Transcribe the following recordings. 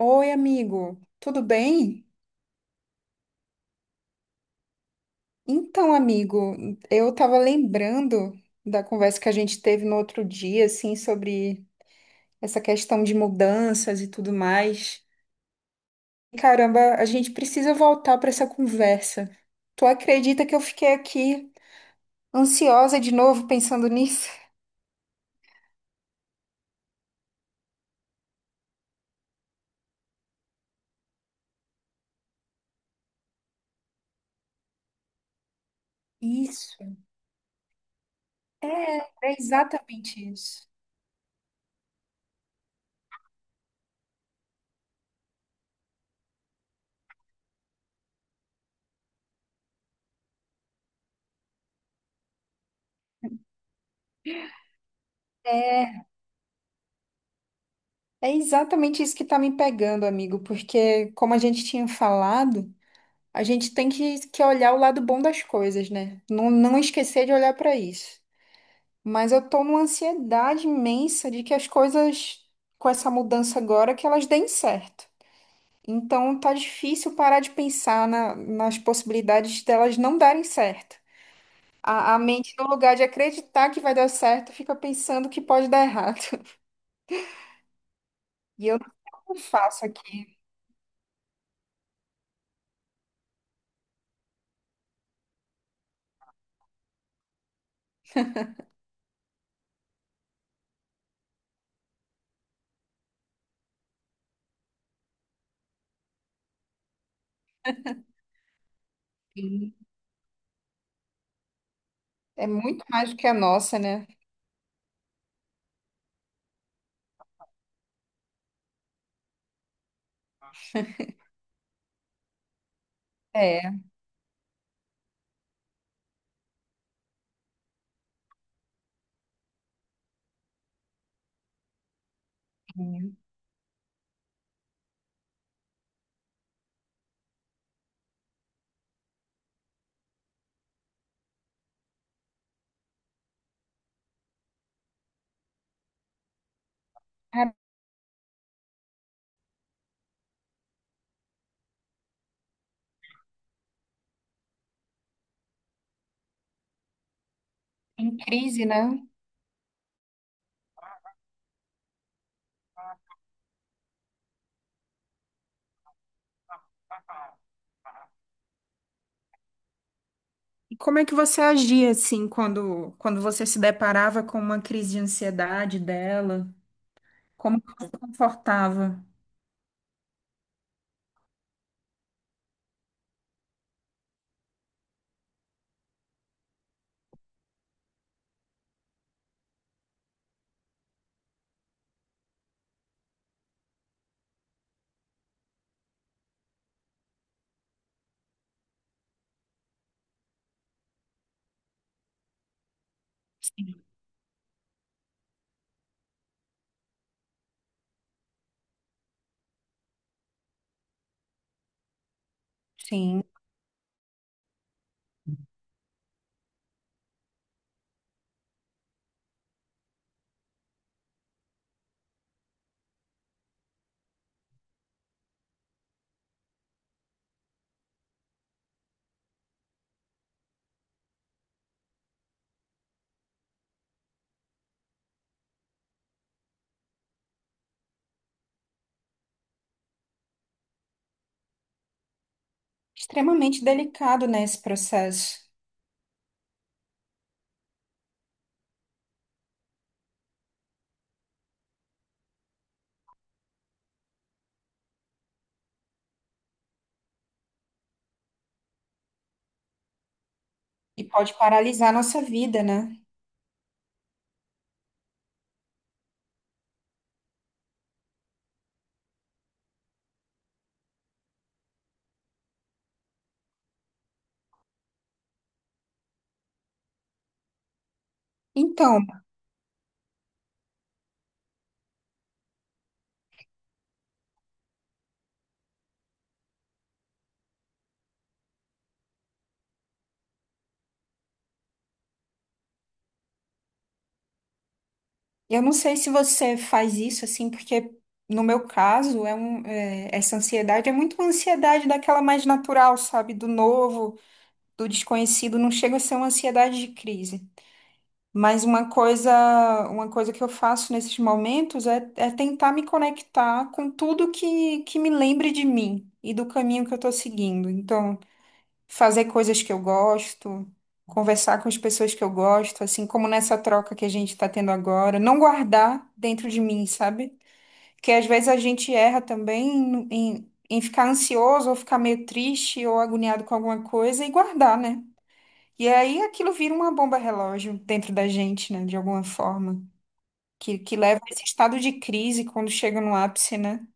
Oi, amigo, tudo bem? Então, amigo, eu estava lembrando da conversa que a gente teve no outro dia, assim, sobre essa questão de mudanças e tudo mais. Caramba, a gente precisa voltar para essa conversa. Tu acredita que eu fiquei aqui ansiosa de novo pensando nisso? Isso. É, é exatamente isso. É é exatamente isso que tá me pegando, amigo, porque como a gente tinha falado. A gente tem que olhar o lado bom das coisas, né? Não, não esquecer de olhar para isso. Mas eu tô numa ansiedade imensa de que as coisas, com essa mudança agora, que elas deem certo. Então tá difícil parar de pensar nas possibilidades delas não darem certo. A mente, no lugar de acreditar que vai dar certo, fica pensando que pode dar errado. E eu não faço aqui. É muito mais do que a nossa, né? É. Cara, em crise, né? E como é que você agia assim quando você se deparava com uma crise de ansiedade dela? Como que você se confortava? Sim, extremamente delicado, né, esse processo. E pode paralisar a nossa vida, né? Então, eu não sei se você faz isso assim, porque no meu caso, é um, é, essa ansiedade é muito uma ansiedade daquela mais natural, sabe? Do novo, do desconhecido, não chega a ser uma ansiedade de crise. Mas uma coisa que eu faço nesses momentos é, é tentar me conectar com tudo que me lembre de mim e do caminho que eu estou seguindo. Então, fazer coisas que eu gosto, conversar com as pessoas que eu gosto, assim como nessa troca que a gente está tendo agora, não guardar dentro de mim, sabe? Porque às vezes a gente erra também em, em ficar ansioso ou ficar meio triste ou agoniado com alguma coisa e guardar, né? E aí aquilo vira uma bomba relógio dentro da gente, né? De alguma forma. Que leva a esse estado de crise quando chega no ápice, né?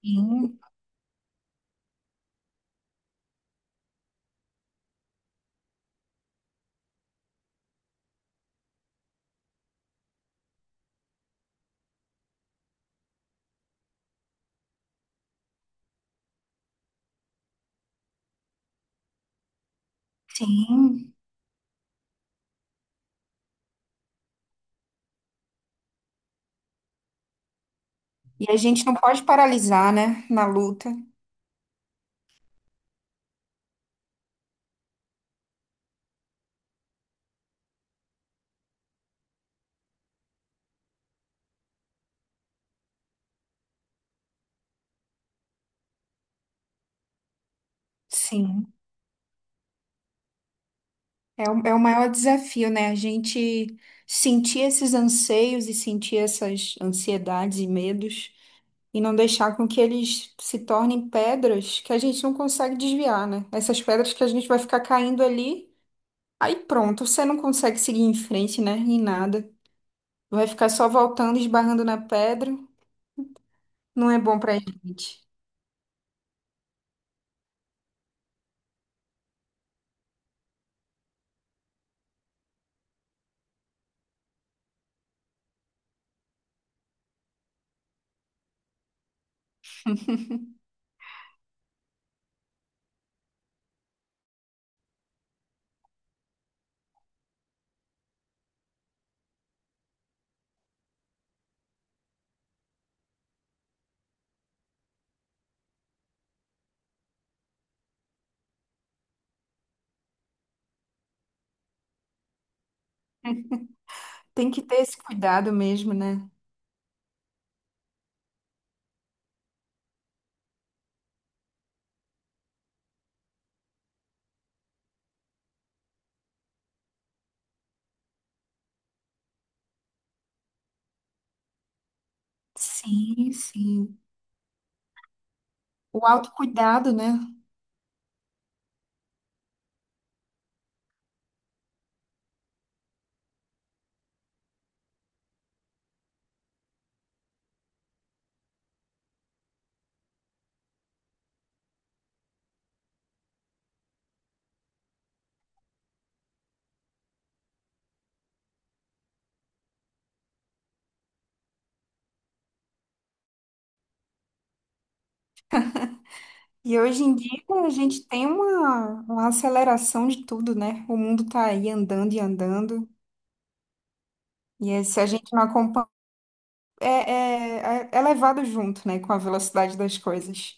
Sim, sim, e a gente não pode paralisar, né? Na luta. Sim. É o, é o maior desafio, né? A gente sentir esses anseios e sentir essas ansiedades e medos e não deixar com que eles se tornem pedras que a gente não consegue desviar, né? Essas pedras que a gente vai ficar caindo ali. Aí pronto, você não consegue seguir em frente, né? Em nada. Vai ficar só voltando, esbarrando na pedra. Não é bom pra gente. Tem que ter esse cuidado mesmo, né? Sim, sim. O autocuidado, né? E hoje em dia a gente tem uma aceleração de tudo, né? O mundo tá aí andando e andando. E aí, se a gente não acompanha, é, é, é levado junto, né? Com a velocidade das coisas.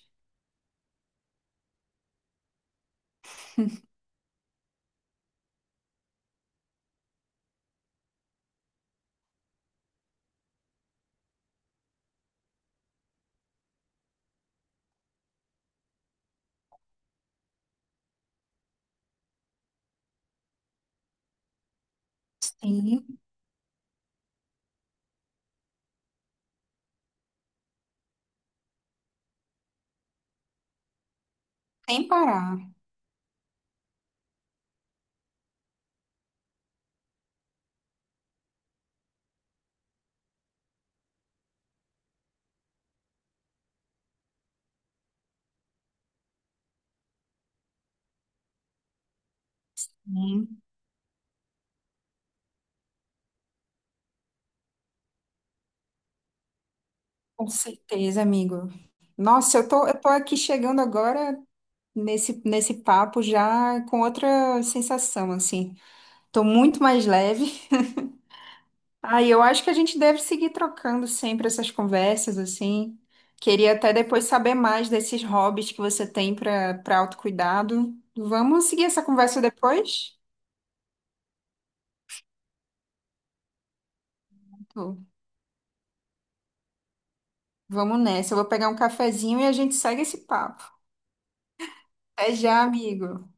Sim, sem parar. Né? Com certeza, amigo. Nossa, eu tô aqui chegando agora nesse papo já com outra sensação, assim. Tô muito mais leve. Aí eu acho que a gente deve seguir trocando sempre essas conversas, assim. Queria até depois saber mais desses hobbies que você tem para autocuidado. Vamos seguir essa conversa depois? Tô. Vamos nessa. Eu vou pegar um cafezinho e a gente segue esse papo. Até já, amigo.